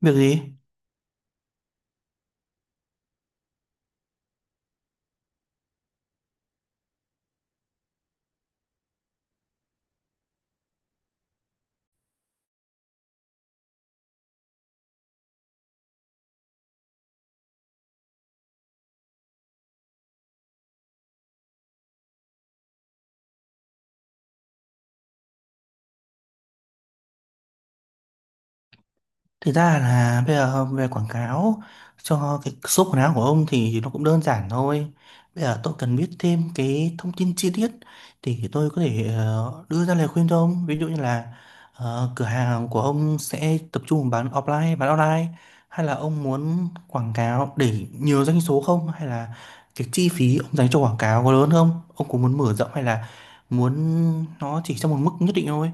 Việc gì? Thực ra là bây giờ về quảng cáo cho cái số quần áo của ông thì nó cũng đơn giản thôi. Bây giờ tôi cần biết thêm cái thông tin chi tiết thì tôi có thể đưa ra lời khuyên cho ông. Ví dụ như là cửa hàng của ông sẽ tập trung bán offline, bán online hay là ông muốn quảng cáo để nhiều doanh số không, hay là cái chi phí ông dành cho quảng cáo có lớn không? Ông có muốn mở rộng hay là muốn nó chỉ trong một mức nhất định thôi?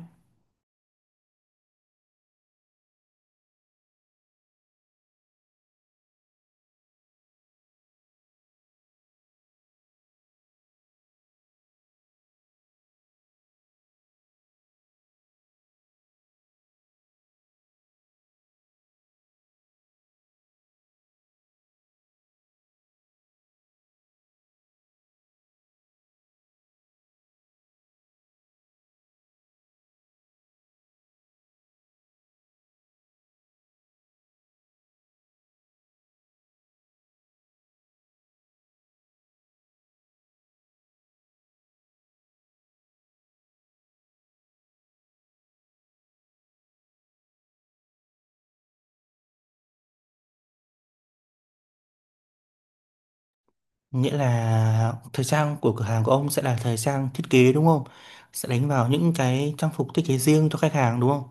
Nghĩa là thời trang của cửa hàng của ông sẽ là thời trang thiết kế đúng không? Sẽ đánh vào những cái trang phục thiết kế riêng cho khách hàng đúng không?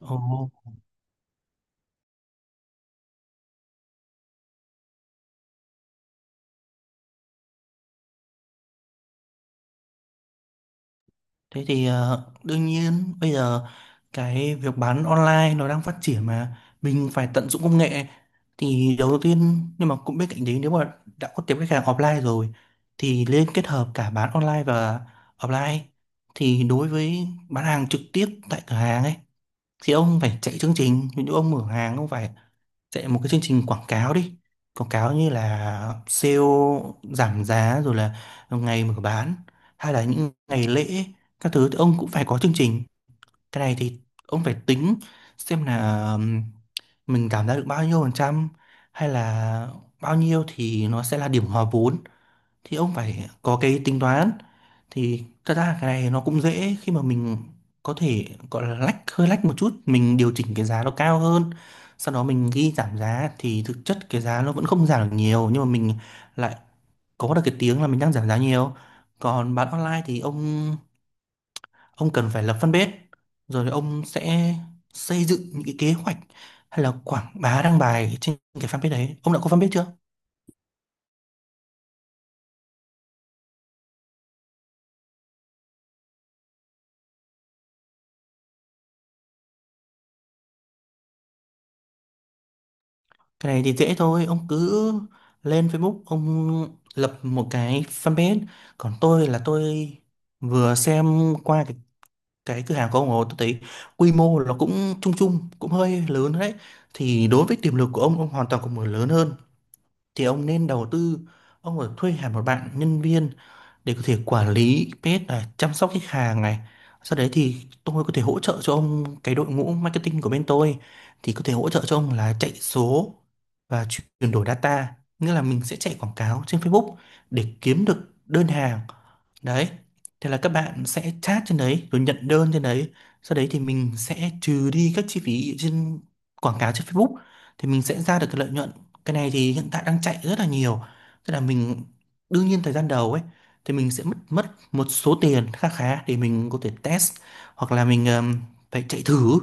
Ồ, thế thì đương nhiên bây giờ cái việc bán online nó đang phát triển mà mình phải tận dụng công nghệ thì đầu tiên, nhưng mà cũng bên cạnh đấy, nếu mà đã có tiếp khách hàng offline rồi thì nên kết hợp cả bán online và offline. Thì đối với bán hàng trực tiếp tại cửa hàng ấy, thì ông phải chạy chương trình, ví dụ ông mở hàng ông phải chạy một cái chương trình quảng cáo đi, quảng cáo như là sale giảm giá, rồi là ngày mở bán hay là những ngày lễ các thứ thì ông cũng phải có chương trình. Cái này thì ông phải tính xem là mình giảm giá được bao nhiêu phần trăm, hay là bao nhiêu thì nó sẽ là điểm hòa vốn, thì ông phải có cái tính toán. Thì thật ra cái này nó cũng dễ, khi mà mình có thể gọi là lách, hơi lách một chút, mình điều chỉnh cái giá nó cao hơn, sau đó mình ghi giảm giá, thì thực chất cái giá nó vẫn không giảm được nhiều, nhưng mà mình lại có được cái tiếng là mình đang giảm giá nhiều. Còn bán online thì ông cần phải lập fanpage, rồi thì ông sẽ xây dựng những cái kế hoạch hay là quảng bá đăng bài trên cái fanpage đấy. Ông đã có fanpage chưa? Cái này thì dễ thôi, ông cứ lên Facebook, ông lập một cái fanpage. Còn tôi là tôi vừa xem qua cái cửa hàng của ông rồi, tôi thấy quy mô nó cũng chung chung, cũng hơi lớn đấy. Thì đối với tiềm lực của ông hoàn toàn có một lớn hơn. Thì ông nên đầu tư, ông phải thuê hẳn một bạn nhân viên để có thể quản lý page này, chăm sóc khách hàng này. Sau đấy thì tôi có thể hỗ trợ cho ông, cái đội ngũ marketing của bên tôi thì có thể hỗ trợ cho ông là chạy số và chuyển đổi data, nghĩa là mình sẽ chạy quảng cáo trên Facebook để kiếm được đơn hàng. Đấy. Thế là các bạn sẽ chat trên đấy rồi nhận đơn trên đấy. Sau đấy thì mình sẽ trừ đi các chi phí trên quảng cáo trên Facebook, thì mình sẽ ra được cái lợi nhuận. Cái này thì hiện tại đang chạy rất là nhiều. Tức là mình đương nhiên thời gian đầu ấy thì mình sẽ mất mất một số tiền khá khá để mình có thể test, hoặc là mình phải chạy thử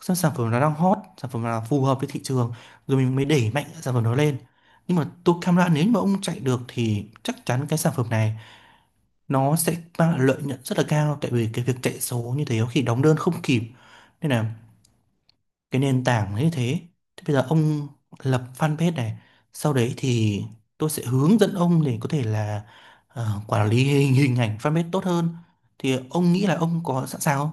xem sản phẩm nó đang hot, sản phẩm nào phù hợp với thị trường, rồi mình mới đẩy mạnh sản phẩm đó lên. Nhưng mà tôi cam đoan, nếu mà ông chạy được thì chắc chắn cái sản phẩm này nó sẽ mang lại lợi nhuận rất là cao, tại vì cái việc chạy số như thế có khi đóng đơn không kịp. Nên là cái nền tảng như thế, thì bây giờ ông lập fanpage này, sau đấy thì tôi sẽ hướng dẫn ông để có thể là quản lý hình ảnh fanpage tốt hơn. Thì ông nghĩ là ông có sẵn sàng không?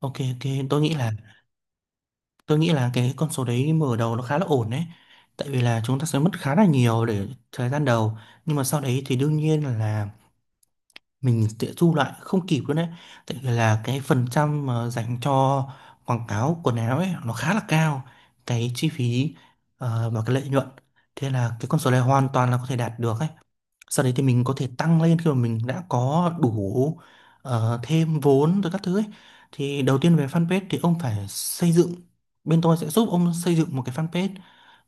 Ok, ok, tôi nghĩ là cái con số đấy mở đầu nó khá là ổn đấy, tại vì là chúng ta sẽ mất khá là nhiều để thời gian đầu, nhưng mà sau đấy thì đương nhiên là mình sẽ thu lại không kịp luôn đấy, tại vì là cái phần trăm mà dành cho quảng cáo quần áo ấy nó khá là cao, cái chi phí và cái lợi nhuận. Thế là cái con số này hoàn toàn là có thể đạt được ấy, sau đấy thì mình có thể tăng lên khi mà mình đã có đủ thêm vốn rồi các thứ ấy. Thì đầu tiên về fanpage thì ông phải xây dựng, bên tôi sẽ giúp ông xây dựng một cái fanpage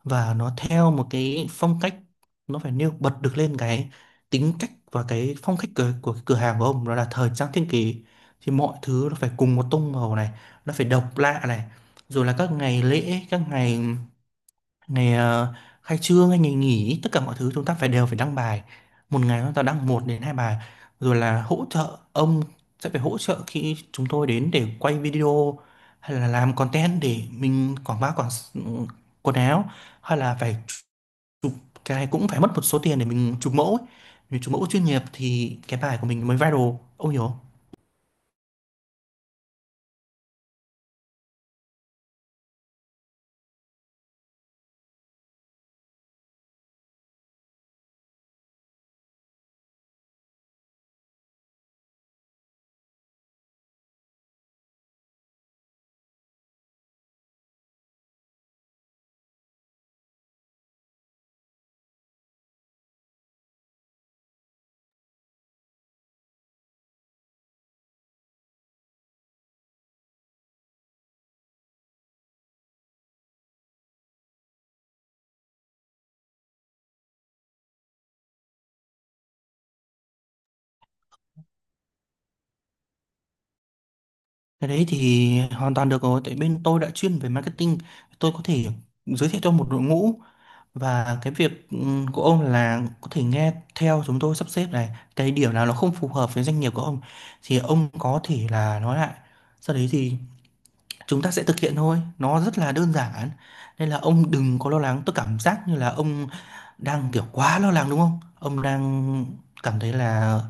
và nó theo một cái phong cách, nó phải nêu bật được lên cái tính cách và cái phong cách của cái cửa hàng của ông, đó là thời trang thiên kỳ. Thì mọi thứ nó phải cùng một tông màu này, nó phải độc lạ này, rồi là các ngày lễ, các ngày, ngày khai trương hay ngày nghỉ, tất cả mọi thứ chúng ta phải đều phải đăng bài, một ngày chúng ta đăng một đến hai bài, rồi là hỗ trợ ông, sẽ phải hỗ trợ khi chúng tôi đến để quay video hay là làm content để mình quảng bá, quần áo, hay là phải chụp. Cái này cũng phải mất một số tiền để mình chụp mẫu ấy. Vì chụp mẫu chuyên nghiệp thì cái bài của mình mới viral. Ông hiểu không? Cái đấy thì hoàn toàn được rồi, tại bên tôi đã chuyên về marketing, tôi có thể giới thiệu cho một đội ngũ. Và cái việc của ông là có thể nghe theo chúng tôi sắp xếp này, cái điểm nào nó không phù hợp với doanh nghiệp của ông thì ông có thể là nói lại, sau đấy thì chúng ta sẽ thực hiện thôi, nó rất là đơn giản. Nên là ông đừng có lo lắng, tôi cảm giác như là ông đang kiểu quá lo lắng đúng không, ông đang cảm thấy là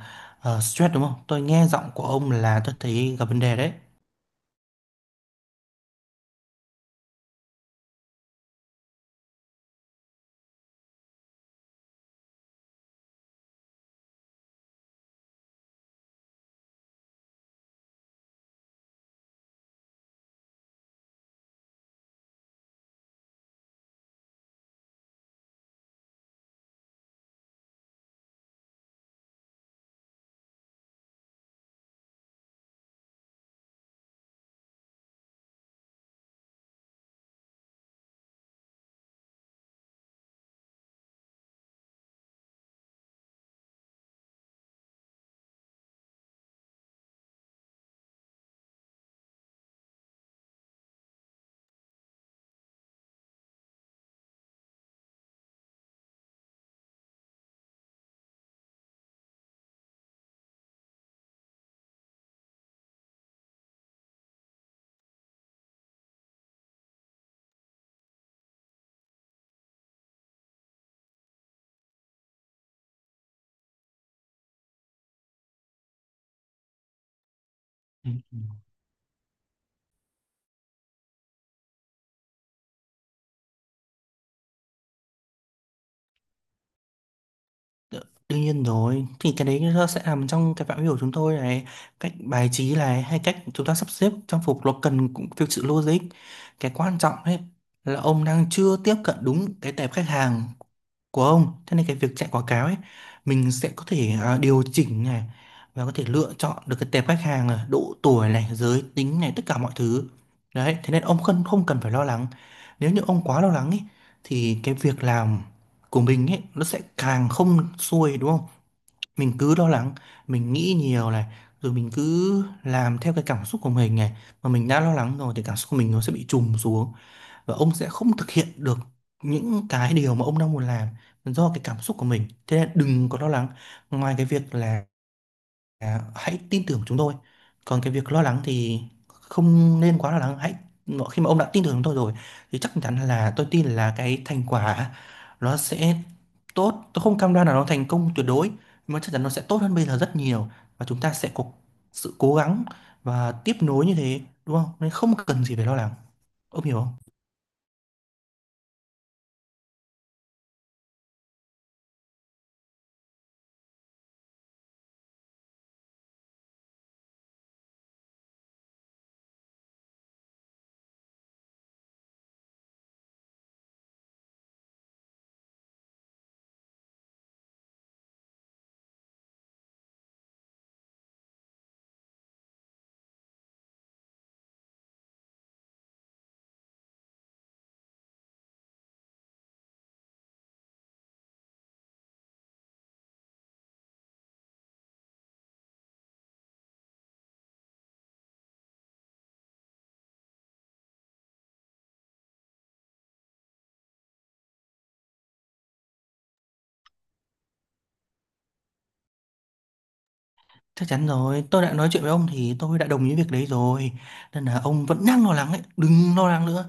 stress đúng không? Tôi nghe giọng của ông là tôi thấy gặp vấn đề đấy. Ừ. Đ- Đương nhiên rồi, thì cái đấy nó sẽ nằm trong cái phạm vi của chúng tôi này, cách bài trí này hay cách chúng ta sắp xếp trang phục nó cần cũng theo sự logic. Cái quan trọng ấy là ông đang chưa tiếp cận đúng cái tệp khách hàng của ông. Thế nên cái việc chạy quảng cáo ấy, mình sẽ có thể điều chỉnh này, và có thể lựa chọn được cái tệp khách hàng là độ tuổi này, giới tính này, tất cả mọi thứ đấy. Thế nên ông không không cần phải lo lắng. Nếu như ông quá lo lắng ấy thì cái việc làm của mình ấy nó sẽ càng không xuôi đúng không. Mình cứ lo lắng, mình nghĩ nhiều này, rồi mình cứ làm theo cái cảm xúc của mình này, mà mình đã lo lắng rồi thì cảm xúc của mình nó sẽ bị trùng xuống, và ông sẽ không thực hiện được những cái điều mà ông đang muốn làm do cái cảm xúc của mình. Thế nên đừng có lo lắng, ngoài cái việc là hãy tin tưởng chúng tôi, còn cái việc lo lắng thì không nên quá lo lắng. Hãy khi mà ông đã tin tưởng chúng tôi rồi thì chắc chắn là tôi tin là cái thành quả nó sẽ tốt, tôi không cam đoan là nó thành công tuyệt đối nhưng mà chắc chắn nó sẽ tốt hơn bây giờ rất nhiều, và chúng ta sẽ có sự cố gắng và tiếp nối như thế đúng không, nên không cần gì phải lo lắng. Ông hiểu không? Chắc chắn rồi, tôi đã nói chuyện với ông thì tôi đã đồng ý việc đấy rồi. Nên là ông vẫn đang lo lắng ấy, đừng lo lắng nữa.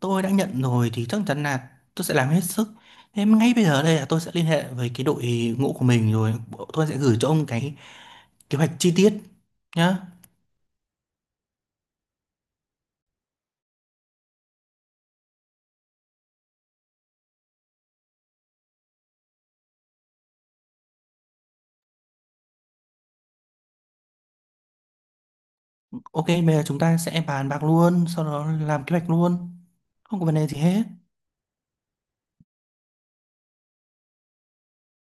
Tôi đã nhận rồi thì chắc chắn là tôi sẽ làm hết sức. Thế mà ngay bây giờ đây là tôi sẽ liên hệ với cái đội ngũ của mình, rồi tôi sẽ gửi cho ông cái kế hoạch chi tiết nhá. Ok, bây giờ chúng ta sẽ bàn bạc luôn, sau đó làm kế hoạch luôn. Không có vấn đề gì hết.